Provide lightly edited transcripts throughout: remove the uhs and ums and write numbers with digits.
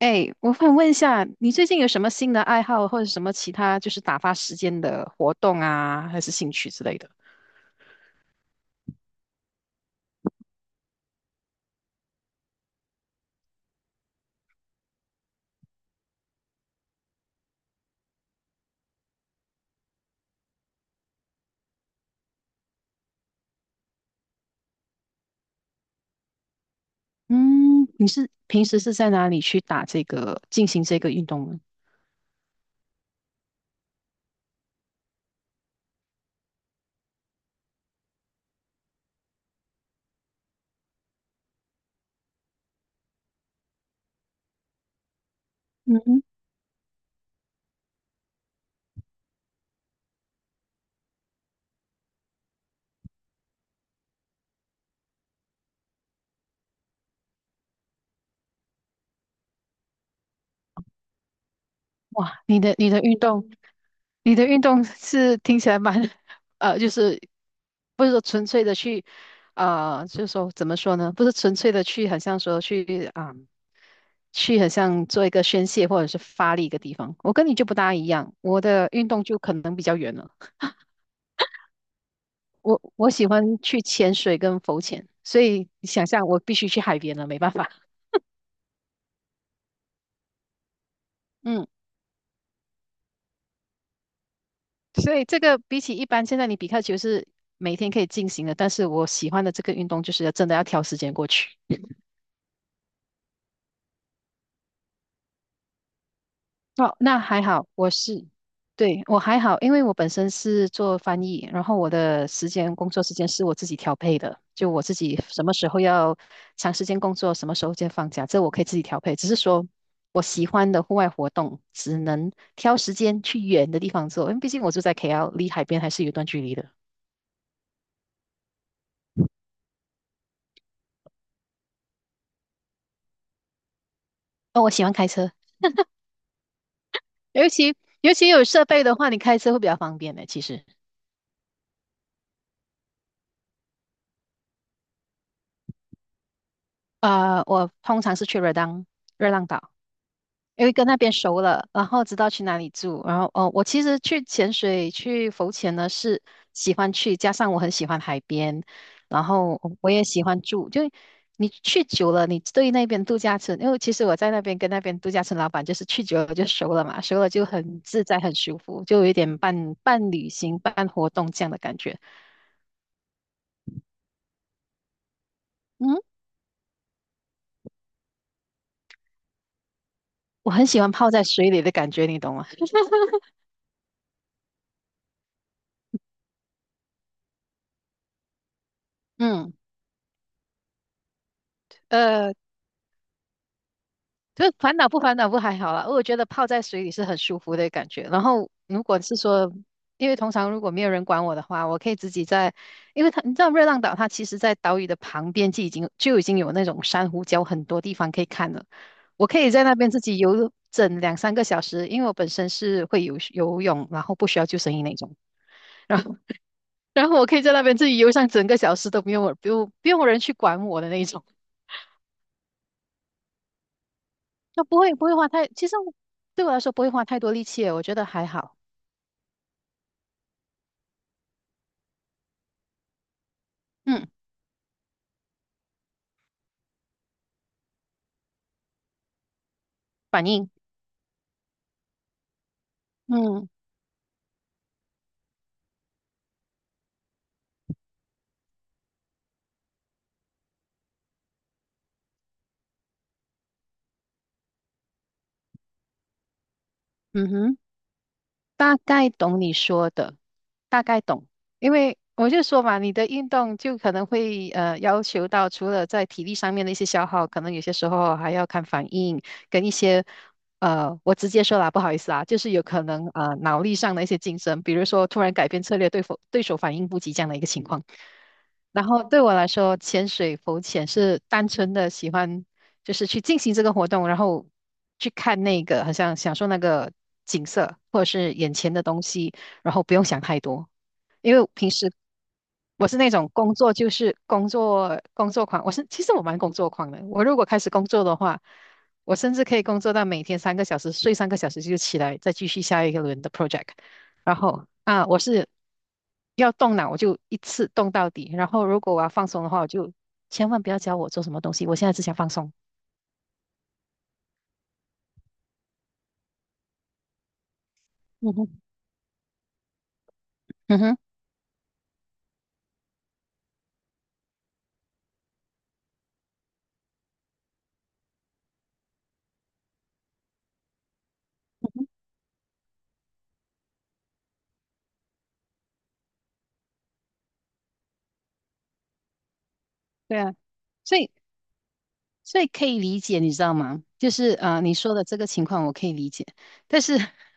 哎，我想问一下，你最近有什么新的爱好，或者什么其他就是打发时间的活动啊，还是兴趣之类的？嗯，你是平时是在哪里去打这个，进行这个运动呢？嗯哇，你的运动，你的运动是听起来蛮 就是不是说纯粹的去，就是说怎么说呢？不是纯粹的去，好像说去啊、去很像做一个宣泄或者是发力一个地方。我跟你就不大一样，我的运动就可能比较远了。我喜欢去潜水跟浮潜，所以你想象我必须去海边了，没办法。嗯。所以这个比起一般现在你比卡球是每天可以进行的，但是我喜欢的这个运动就是要真的要挑时间过去。哦，那还好，我是，对，我还好，因为我本身是做翻译，然后我的时间工作时间是我自己调配的，就我自己什么时候要长时间工作，什么时候间放假，这我可以自己调配。只是说我喜欢的户外活动，只能挑时间去远的地方做，因为毕竟我住在 KL，离海边还是有一段距离的。哦，我喜欢开车。尤其尤其有设备的话，你开车会比较方便的。其实，啊，我通常是去热浪岛，因为跟那边熟了，然后知道去哪里住。然后，哦，我其实去潜水、去浮潜呢是喜欢去，加上我很喜欢海边，然后我也喜欢住。就你去久了，你对那边度假村，因为其实我在那边跟那边度假村老板就是去久了就熟了嘛，熟了就很自在、很舒服，就有一点半半旅行、半活动这样的感觉。嗯。我很喜欢泡在水里的感觉，你懂吗？嗯，呃，就是烦恼不烦恼不还好啦，我觉得泡在水里是很舒服的感觉。然后如果是说，因为通常如果没有人管我的话，我可以自己在，因为他，你知道热浪岛它其实在岛屿的旁边就已经有那种珊瑚礁，很多地方可以看了。我可以在那边自己游整两三个小时，因为我本身是会游泳，然后不需要救生衣那种。然后然后我可以在那边自己游上整个小时都不用人去管我的那一种。那不会花太，其实我对我来说不会花太多力气耶我觉得还好。嗯，反应，嗯嗯哼，大概懂你说的，大概懂。因为我就说嘛，你的运动就可能会要求到除了在体力上面的一些消耗，可能有些时候还要看反应跟一些我直接说啦，不好意思啊，就是有可能脑力上的一些竞争，比如说突然改变策略，对否对手反应不及这样的一个情况。然后对我来说，潜水、浮潜是单纯的喜欢，就是去进行这个活动，然后去看那个，好像享受那个景色或者是眼前的东西，然后不用想太多。因为平时我是那种工作就是工作工作狂，我是其实我蛮工作狂的。我如果开始工作的话，我甚至可以工作到每天三个小时，睡三个小时就起来，再继续下一个轮的 project。然后啊，我是要动脑，我就一次动到底。然后如果我要放松的话，我就千万不要教我做什么东西，我现在只想放松。嗯哼，嗯哼，对啊，所以。所以可以理解，你知道吗？就是啊、你说的这个情况我可以理解，但是，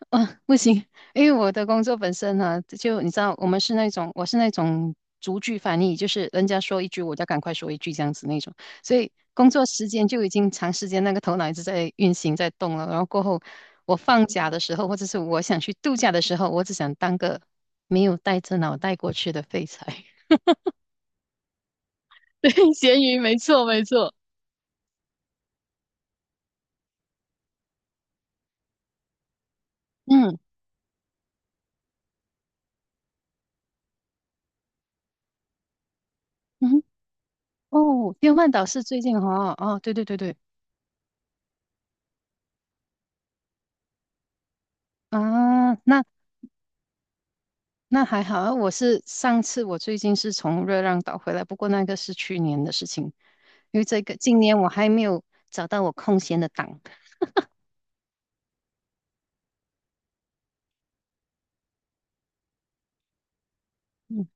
啊不行，因为我的工作本身呢，就你知道，我们是那种，我是那种逐句翻译，就是人家说一句，我就赶快说一句这样子那种，所以工作时间就已经长时间那个头脑一直在运行在动了，然后过后我放假的时候，或者是我想去度假的时候，我只想当个没有带着脑袋过去的废柴。对，咸鱼，没错没错。嗯嗯哼哦，电饭岛是最近哈、哦，哦对对对对，啊，那还好啊我是上次我最近是从热浪岛回来，不过那个是去年的事情，因为这个今年我还没有找到我空闲的档。嗯，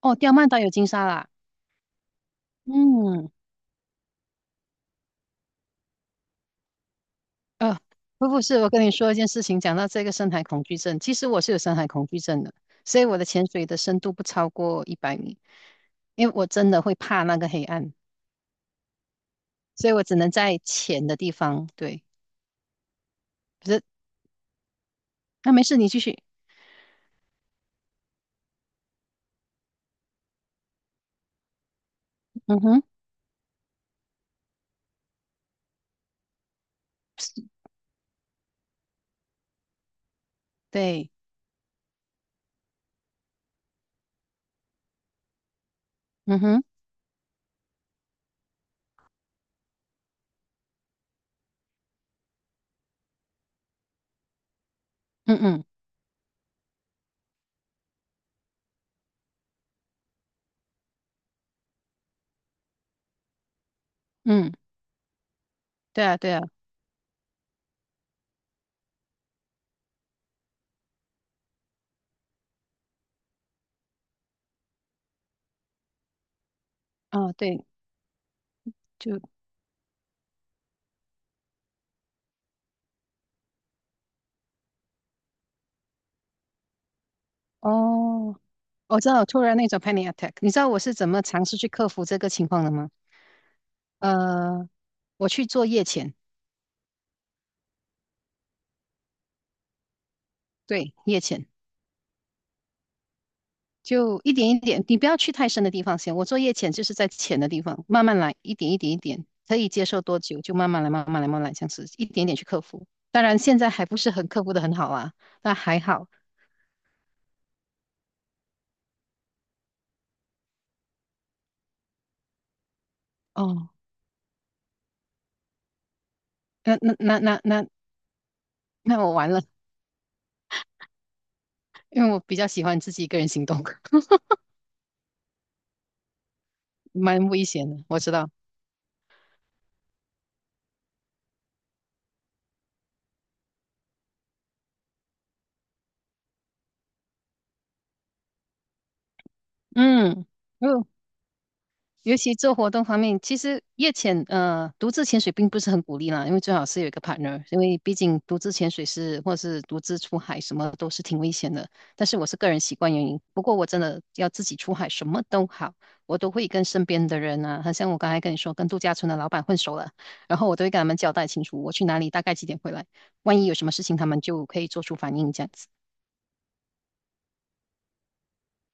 哦，刁曼岛有金沙啦。嗯，呃，不是，我跟你说一件事情，讲到这个深海恐惧症，其实我是有深海恐惧症的，所以我的潜水的深度不超过100米，因为我真的会怕那个黑暗，所以我只能在浅的地方，对。可是。那、没事，你继续。嗯哼，对，嗯哼，嗯嗯嗯，对啊，对啊，啊，对，就哦，我知道，突然那种 panic attack，你知道我是怎么尝试去克服这个情况的吗？呃，我去做夜潜，对，夜潜，就一点一点，你不要去太深的地方先。我做夜潜就是在浅的地方，慢慢来，一点一点一点，可以接受多久就慢慢来，慢慢来，慢慢来，这样子一点点去克服。当然，现在还不是很克服的很好啊，但还好哦。那那那那那那我完了。因为我比较喜欢自己一个人行动，蛮危险的，我知道。嗯，嗯，尤其做活动方面，其实夜潜，独自潜水并不是很鼓励啦，因为最好是有一个 partner，因为毕竟独自潜水是或是独自出海什么都是挺危险的。但是我是个人习惯原因，不过我真的要自己出海什么都好，我都会跟身边的人啊，好像我刚才跟你说，跟度假村的老板混熟了，然后我都会跟他们交代清楚我去哪里，大概几点回来，万一有什么事情，他们就可以做出反应这样子。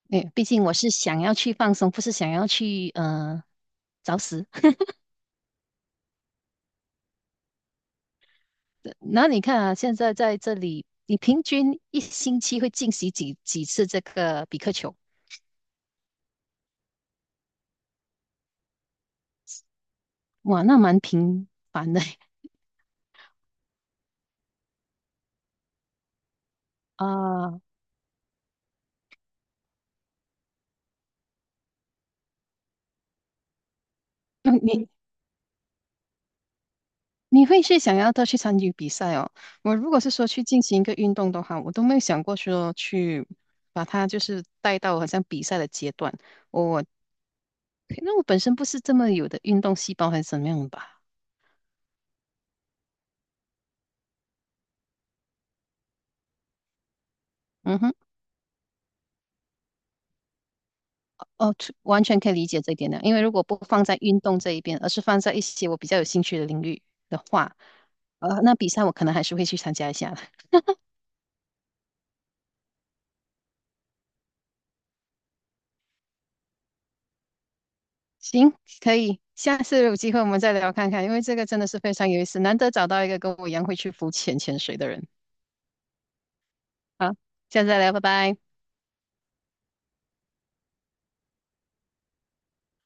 对，毕竟我是想要去放松，不是想要去找死。那你看啊，现在在这里，你平均一星期会进行几次这个比克球？哇，那蛮频繁的 啊。嗯你你会是想要多去参与比赛哦？我如果是说去进行一个运动的话，我都没有想过说去把它就是带到好像比赛的阶段。我那我本身不是这么有的运动细胞还是怎么样吧？嗯哼。哦，这完全可以理解这一点的，因为如果不放在运动这一边，而是放在一些我比较有兴趣的领域的话，那比赛我可能还是会去参加一下的。行，可以，下次有机会我们再聊看看，因为这个真的是非常有意思，难得找到一个跟我一样会去浮潜潜水的人。好，下次再聊，拜拜。